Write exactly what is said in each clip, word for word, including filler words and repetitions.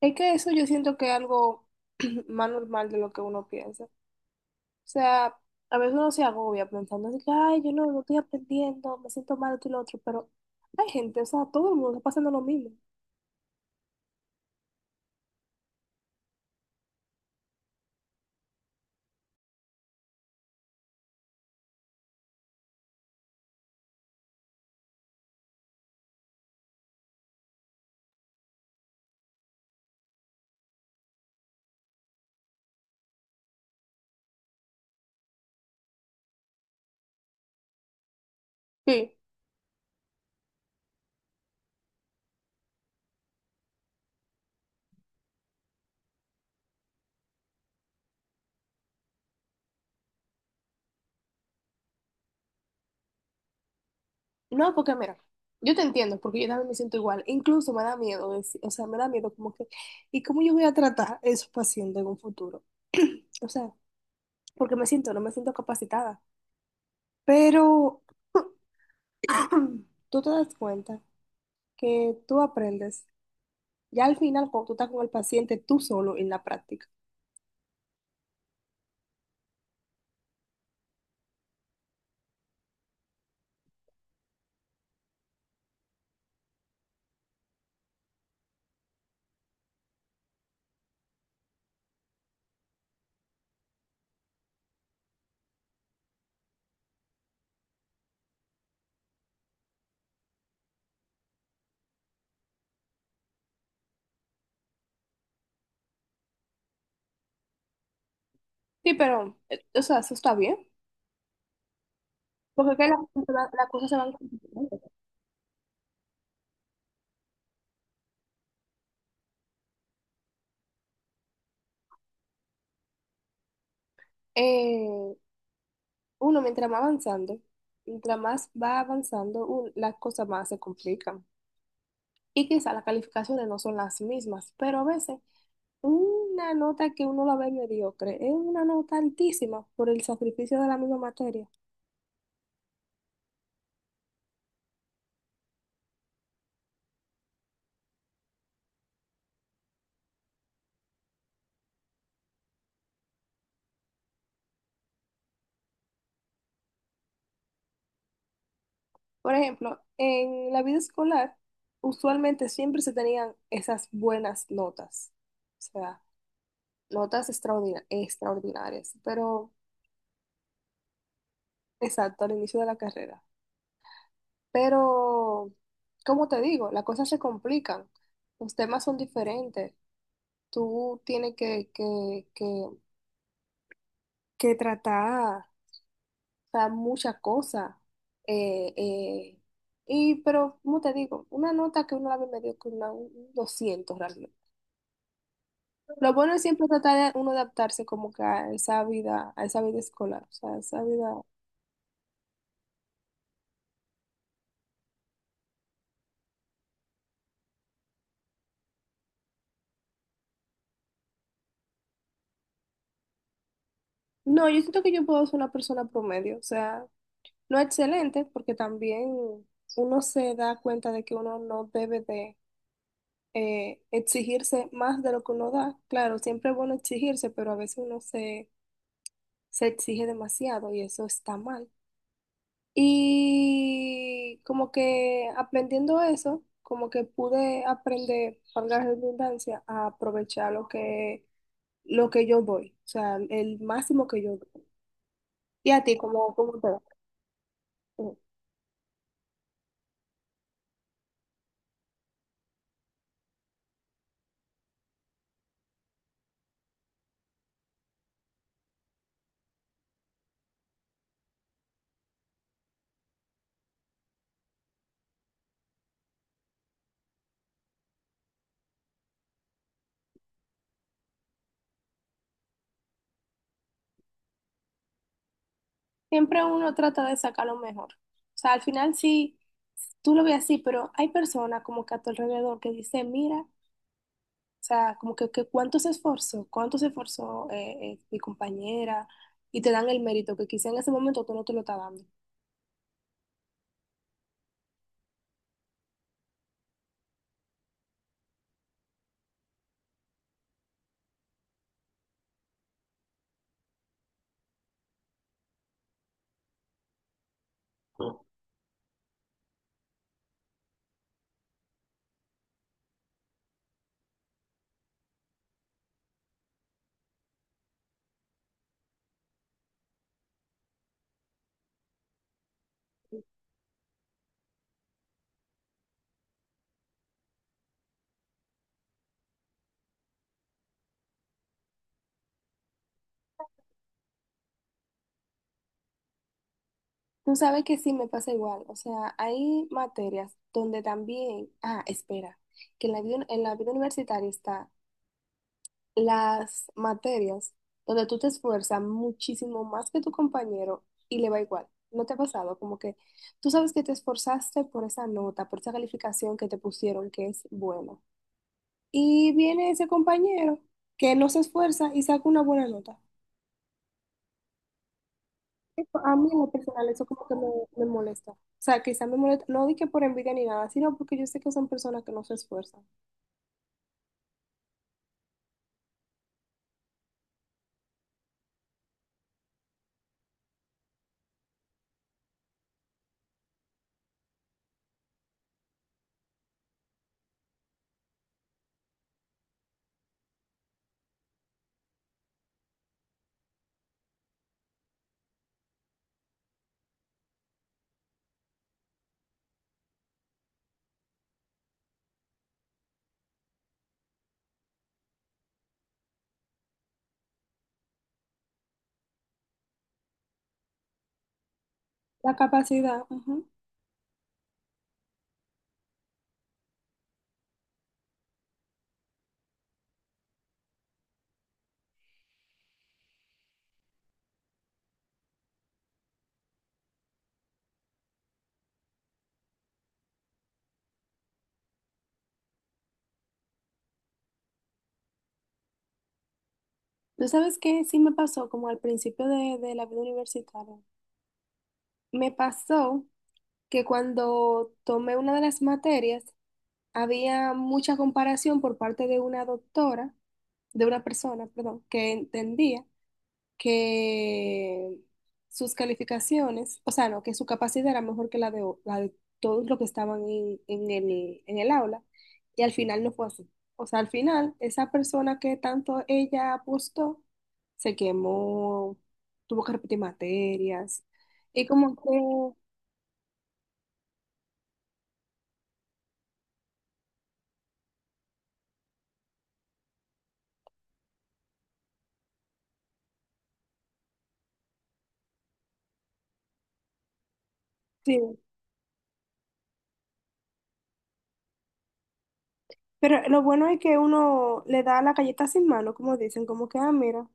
Es que eso yo siento que es algo más normal de lo que uno piensa. O sea, a veces uno se agobia pensando así que, ay, yo no, no estoy aprendiendo, me siento mal esto y lo otro, pero hay gente, o sea, todo el mundo está pasando lo mismo. Sí. No, porque mira, yo te entiendo, porque yo también me siento igual. Incluso me da miedo decir, o sea, me da miedo como que, ¿y cómo yo voy a tratar a esos pacientes en un futuro? O sea, porque me siento, no me siento capacitada. Pero tú te das cuenta que tú aprendes ya al final, cuando tú estás con el paciente tú solo en la práctica. Sí, pero, eh, o sea, eso está bien. Porque es que las la, las cosas se van complicando. Eh, uno, mientras más avanzando, mientras más va avanzando, un- las cosas más se complican. Y quizá las calificaciones no son las mismas, pero a veces una nota que uno la ve mediocre es una nota altísima por el sacrificio de la misma materia. Por ejemplo, en la vida escolar, usualmente siempre se tenían esas buenas notas, o sea, notas extraordinar- extraordinarias, pero exacto, al inicio de la carrera. Pero, como te digo, las cosas se complican, los temas son diferentes, tú tienes que, que, que, que tratar, o sea, muchas cosas. eh, eh, y, pero, como te digo, una nota que uno la ve medio que una, un doscientos realmente. Lo bueno es siempre tratar de uno adaptarse como que a esa vida, a esa vida escolar, o sea, a esa vida. No, yo siento que yo puedo ser una persona promedio, o sea, no excelente, porque también uno se da cuenta de que uno no debe de eh, exigirse más de lo que uno da. Claro, siempre es bueno exigirse, pero a veces uno se, se exige demasiado y eso está mal. Y como que aprendiendo eso, como que pude aprender, valga la redundancia, a aprovechar lo que, lo que yo doy, o sea, el máximo que yo doy. Y a ti, cómo cómo te va? Mm. Siempre uno trata de sacar lo mejor. O sea, al final sí, tú lo ves así, pero hay personas como que a tu alrededor que dicen, mira, o sea, como que, que cuánto se esforzó, cuánto se esforzó eh, eh, mi compañera, y te dan el mérito que quizá en ese momento tú no te lo estás dando. Tú sabes que sí me pasa igual. O sea, hay materias donde también, ah, espera, que en la vida, en la vida universitaria está las materias donde tú te esfuerzas muchísimo más que tu compañero y le va igual. ¿No te ha pasado? Como que tú sabes que te esforzaste por esa nota, por esa calificación que te pusieron que es buena. Y viene ese compañero que no se esfuerza y saca una buena nota. Eso, a mí en lo personal eso como que me, me molesta. O sea, quizá me molesta, no di que por envidia ni nada, sino porque yo sé que son personas que no se esfuerzan. La capacidad, ujú. ¿Tú sabes qué sí me pasó como al principio de, de la vida universitaria? Me pasó que cuando tomé una de las materias, había mucha comparación por parte de una doctora, de una persona, perdón, que entendía que sus calificaciones, o sea, no, que su capacidad era mejor que la de, o- la de todos los que estaban en, en el, en el aula, y al final no fue así. O sea, al final, esa persona que tanto ella apostó, se quemó, tuvo que repetir materias, y como que... Sí, pero lo bueno es que uno le da la galleta sin mano, como dicen, como que, ah, mira, o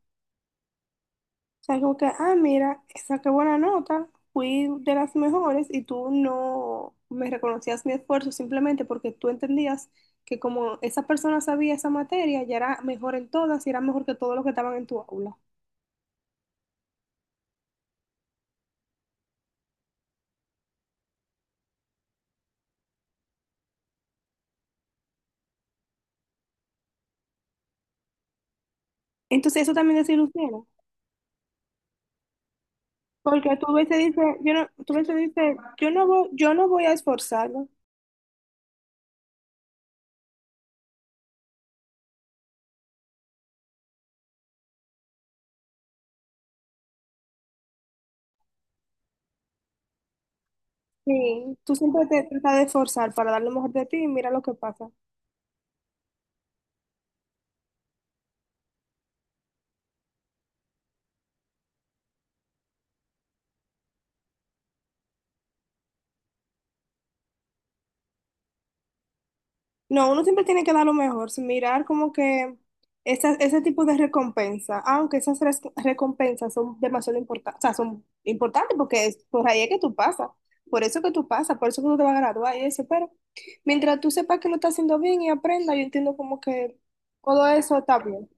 sea, como que, ah, mira, saqué buena nota, fui de las mejores y tú no me reconocías mi esfuerzo simplemente porque tú entendías que como esa persona sabía esa materia, ya era mejor en todas y era mejor que todos los que estaban en tu aula. Entonces eso también desilusiona, porque tú ves y dices, yo no, tú ves y dices, yo no voy, yo no voy a esforzarme. Sí, tú siempre te tratas de esforzar para dar lo mejor de ti y mira lo que pasa. No, uno siempre tiene que dar lo mejor, sin mirar como que esa- ese tipo de recompensa, aunque esas res- recompensas son demasiado importantes, o sea, son importantes porque es por ahí es que tú pasas, por eso que tú pasas, por eso que tú te vas a graduar y eso, pero mientras tú sepas que lo estás haciendo bien y aprendas, yo entiendo como que todo eso está bien.